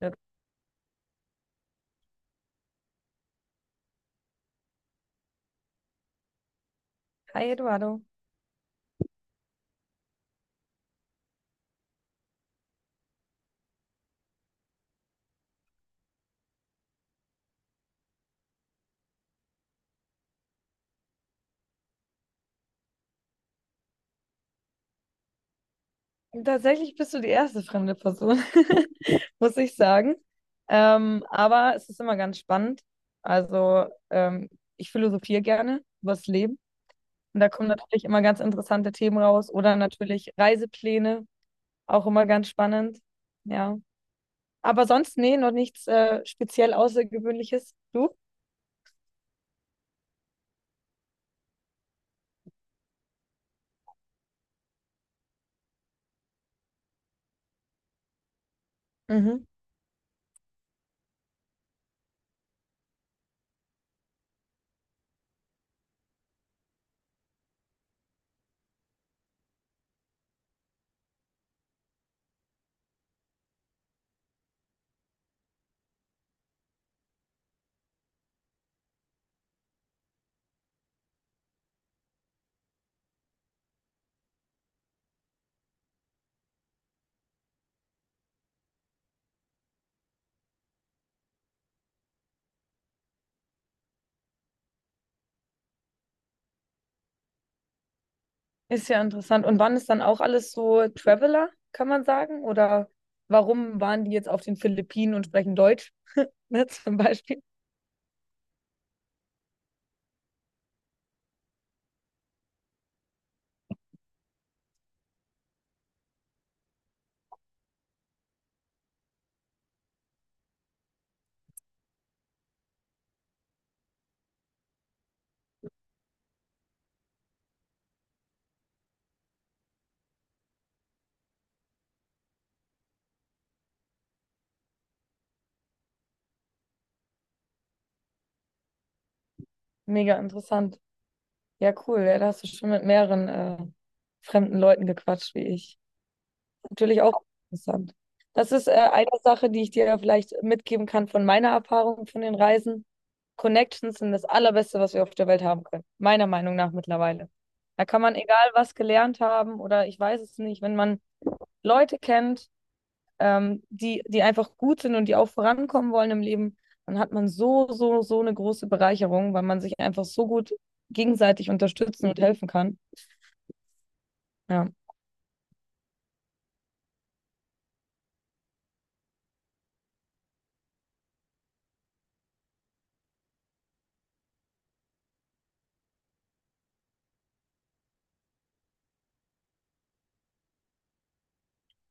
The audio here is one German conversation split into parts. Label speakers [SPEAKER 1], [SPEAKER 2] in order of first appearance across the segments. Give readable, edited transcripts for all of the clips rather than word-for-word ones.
[SPEAKER 1] Ja, hi Eduardo. Tatsächlich bist du die erste fremde Person, muss ich sagen. Aber es ist immer ganz spannend. Also ich philosophiere gerne über das Leben. Und da kommen natürlich immer ganz interessante Themen raus. Oder natürlich Reisepläne, auch immer ganz spannend. Ja. Aber sonst, nee, noch nichts speziell Außergewöhnliches. Du? Mhm. Ist ja interessant. Und waren es dann auch alles so Traveler, kann man sagen? Oder warum waren die jetzt auf den Philippinen und sprechen Deutsch? Ne, zum Beispiel. Mega interessant. Ja, cool. Ja, da hast du schon mit mehreren fremden Leuten gequatscht wie ich. Natürlich auch interessant. Das ist eine Sache, die ich dir ja vielleicht mitgeben kann von meiner Erfahrung von den Reisen. Connections sind das Allerbeste, was wir auf der Welt haben können. Meiner Meinung nach mittlerweile. Da kann man egal was gelernt haben oder ich weiß es nicht, wenn man Leute kennt, die, die einfach gut sind und die auch vorankommen wollen im Leben, dann hat man so, so, so eine große Bereicherung, weil man sich einfach so gut gegenseitig unterstützen und helfen kann. Ja,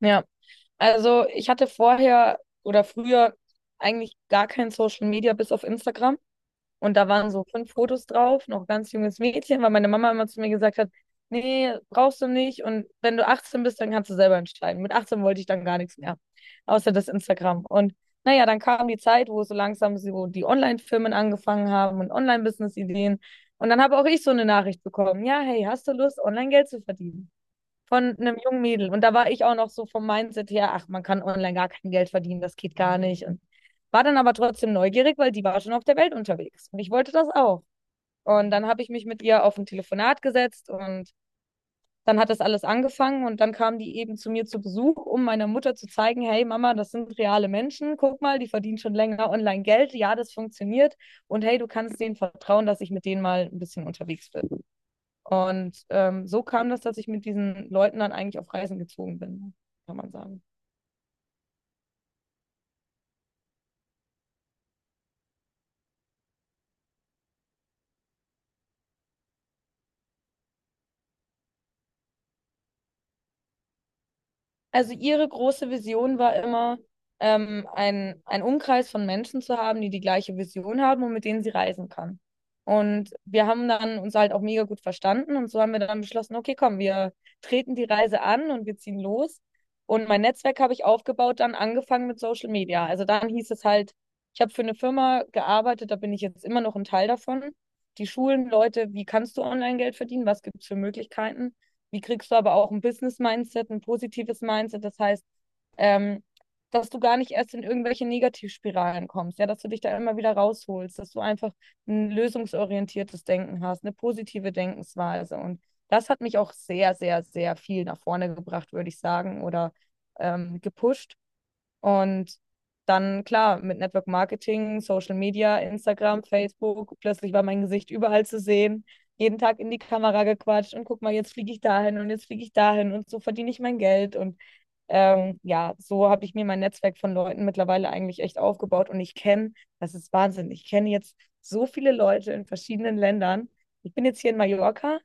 [SPEAKER 1] ja. Also ich hatte vorher oder früher eigentlich gar kein Social Media bis auf Instagram. Und da waren so 5 Fotos drauf, noch ganz junges Mädchen, weil meine Mama immer zu mir gesagt hat, nee, brauchst du nicht. Und wenn du 18 bist, dann kannst du selber entscheiden. Mit 18 wollte ich dann gar nichts mehr, außer das Instagram. Und naja, dann kam die Zeit, wo so langsam so die Online-Firmen angefangen haben und Online-Business-Ideen. Und dann habe auch ich so eine Nachricht bekommen. Ja, hey, hast du Lust, Online-Geld zu verdienen? Von einem jungen Mädel. Und da war ich auch noch so vom Mindset her, ach, man kann online gar kein Geld verdienen, das geht gar nicht. Und war dann aber trotzdem neugierig, weil die war schon auf der Welt unterwegs. Und ich wollte das auch. Und dann habe ich mich mit ihr auf ein Telefonat gesetzt und dann hat das alles angefangen und dann kam die eben zu mir zu Besuch, um meiner Mutter zu zeigen, hey Mama, das sind reale Menschen, guck mal, die verdienen schon länger online Geld, ja, das funktioniert und hey, du kannst denen vertrauen, dass ich mit denen mal ein bisschen unterwegs bin. Und so kam das, dass ich mit diesen Leuten dann eigentlich auf Reisen gezogen bin, kann man sagen. Also ihre große Vision war immer, ein Umkreis von Menschen zu haben, die die gleiche Vision haben und mit denen sie reisen kann. Und wir haben dann uns halt auch mega gut verstanden und so haben wir dann beschlossen, okay, komm, wir treten die Reise an und wir ziehen los. Und mein Netzwerk habe ich aufgebaut, dann angefangen mit Social Media. Also dann hieß es halt, ich habe für eine Firma gearbeitet, da bin ich jetzt immer noch ein Teil davon. Die schulen Leute, wie kannst du Online-Geld verdienen? Was gibt es für Möglichkeiten? Wie kriegst du aber auch ein Business-Mindset, ein positives Mindset? Das heißt, ähm, dass du gar nicht erst in irgendwelche Negativspiralen kommst, ja, dass du dich da immer wieder rausholst, dass du einfach ein lösungsorientiertes Denken hast, eine positive Denkensweise. Und das hat mich auch sehr, sehr, sehr viel nach vorne gebracht, würde ich sagen, oder gepusht. Und dann, klar, mit Network Marketing, Social Media, Instagram, Facebook, plötzlich war mein Gesicht überall zu sehen, jeden Tag in die Kamera gequatscht und guck mal, jetzt fliege ich dahin und jetzt fliege ich dahin und so verdiene ich mein Geld. Und ja, so habe ich mir mein Netzwerk von Leuten mittlerweile eigentlich echt aufgebaut und ich kenne, das ist Wahnsinn, ich kenne jetzt so viele Leute in verschiedenen Ländern. Ich bin jetzt hier in Mallorca,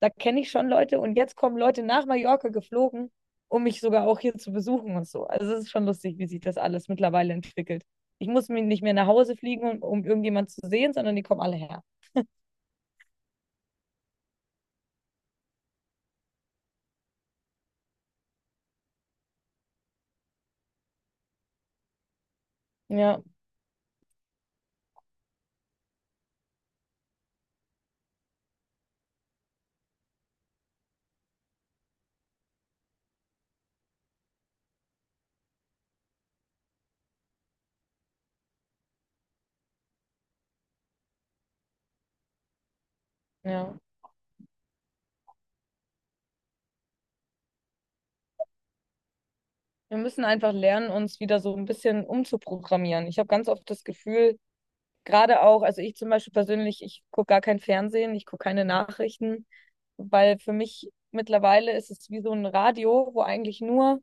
[SPEAKER 1] da kenne ich schon Leute und jetzt kommen Leute nach Mallorca geflogen um mich sogar auch hier zu besuchen und so. Also es ist schon lustig, wie sich das alles mittlerweile entwickelt. Ich muss mir nicht mehr nach Hause fliegen, um, um irgendjemand zu sehen, sondern die kommen alle her. Ja, ja. Wir müssen einfach lernen, uns wieder so ein bisschen umzuprogrammieren. Ich habe ganz oft das Gefühl, gerade auch, also ich zum Beispiel persönlich, ich gucke gar kein Fernsehen, ich gucke keine Nachrichten, weil für mich mittlerweile ist es wie so ein Radio, wo eigentlich nur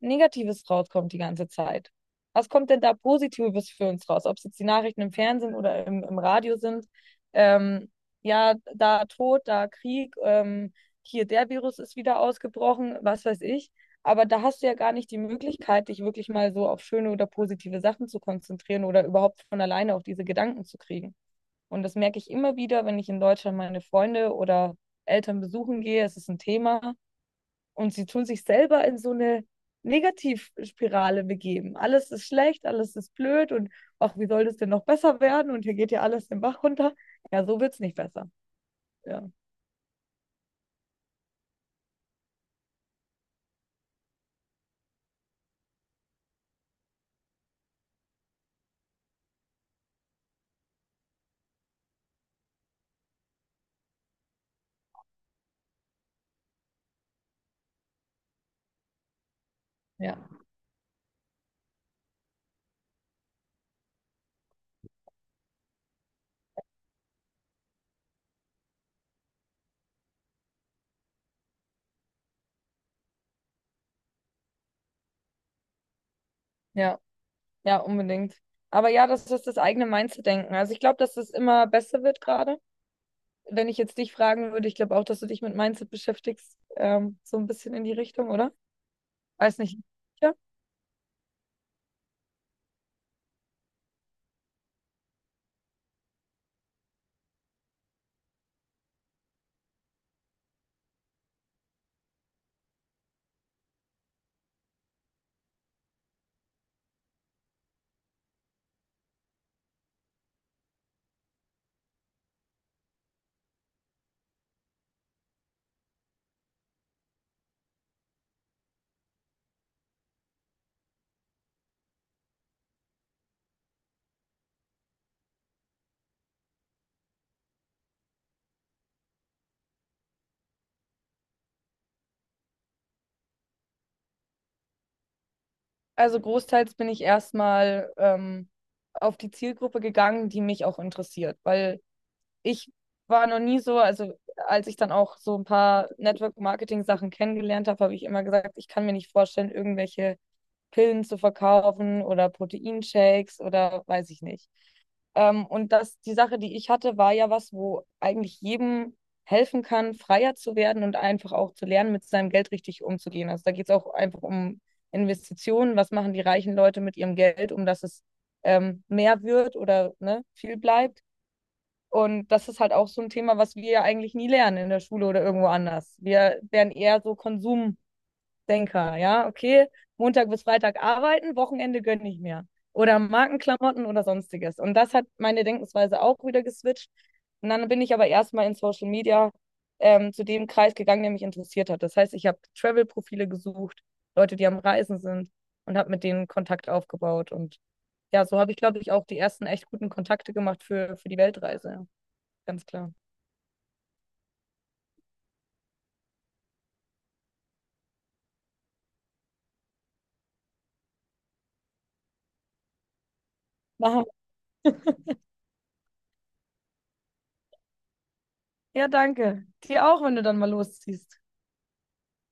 [SPEAKER 1] Negatives rauskommt die ganze Zeit. Was kommt denn da Positives für uns raus? Ob es jetzt die Nachrichten im Fernsehen oder im, im Radio sind. Ähm, ja, da Tod, da Krieg, hier der Virus ist wieder ausgebrochen, was weiß ich. Aber da hast du ja gar nicht die Möglichkeit, dich wirklich mal so auf schöne oder positive Sachen zu konzentrieren oder überhaupt von alleine auf diese Gedanken zu kriegen. Und das merke ich immer wieder, wenn ich in Deutschland meine Freunde oder Eltern besuchen gehe. Es ist ein Thema. Und sie tun sich selber in so eine Negativspirale begeben. Alles ist schlecht, alles ist blöd und ach, wie soll das denn noch besser werden? Und hier geht ja alles den Bach runter. Ja, so wird es nicht besser. Ja, ja, ja, ja, unbedingt. Aber ja, das ist das eigene Mindset-Denken. Also ich glaube, dass es immer besser wird gerade. Wenn ich jetzt dich fragen würde, ich glaube auch, dass du dich mit Mindset beschäftigst, so ein bisschen in die Richtung, oder? Weiß nicht. Ja. Also großteils bin ich erstmal auf die Zielgruppe gegangen, die mich auch interessiert, weil ich war noch nie so, also als ich dann auch so ein paar Network-Marketing-Sachen kennengelernt habe, habe ich immer gesagt, ich kann mir nicht vorstellen, irgendwelche Pillen zu verkaufen oder Proteinshakes oder weiß ich nicht. Und das, die Sache, die ich hatte, war ja was, wo eigentlich jedem helfen kann, freier zu werden und einfach auch zu lernen, mit seinem Geld richtig umzugehen. Also da geht es auch einfach um Investitionen. Was machen die reichen Leute mit ihrem Geld, um dass es mehr wird oder ne, viel bleibt? Und das ist halt auch so ein Thema, was wir ja eigentlich nie lernen in der Schule oder irgendwo anders. Wir werden eher so Konsumdenker, ja, okay, Montag bis Freitag arbeiten, Wochenende gönne ich mir. Oder Markenklamotten oder sonstiges. Und das hat meine Denkensweise auch wieder geswitcht. Und dann bin ich aber erstmal in Social Media zu dem Kreis gegangen, der mich interessiert hat. Das heißt, ich habe Travel-Profile gesucht, Leute, die am Reisen sind und habe mit denen Kontakt aufgebaut. Und ja, so habe ich, glaube ich, auch die ersten echt guten Kontakte gemacht für die Weltreise. Ja. Ganz klar. Machen. Wir. Ja, danke. Dir auch, wenn du dann mal losziehst.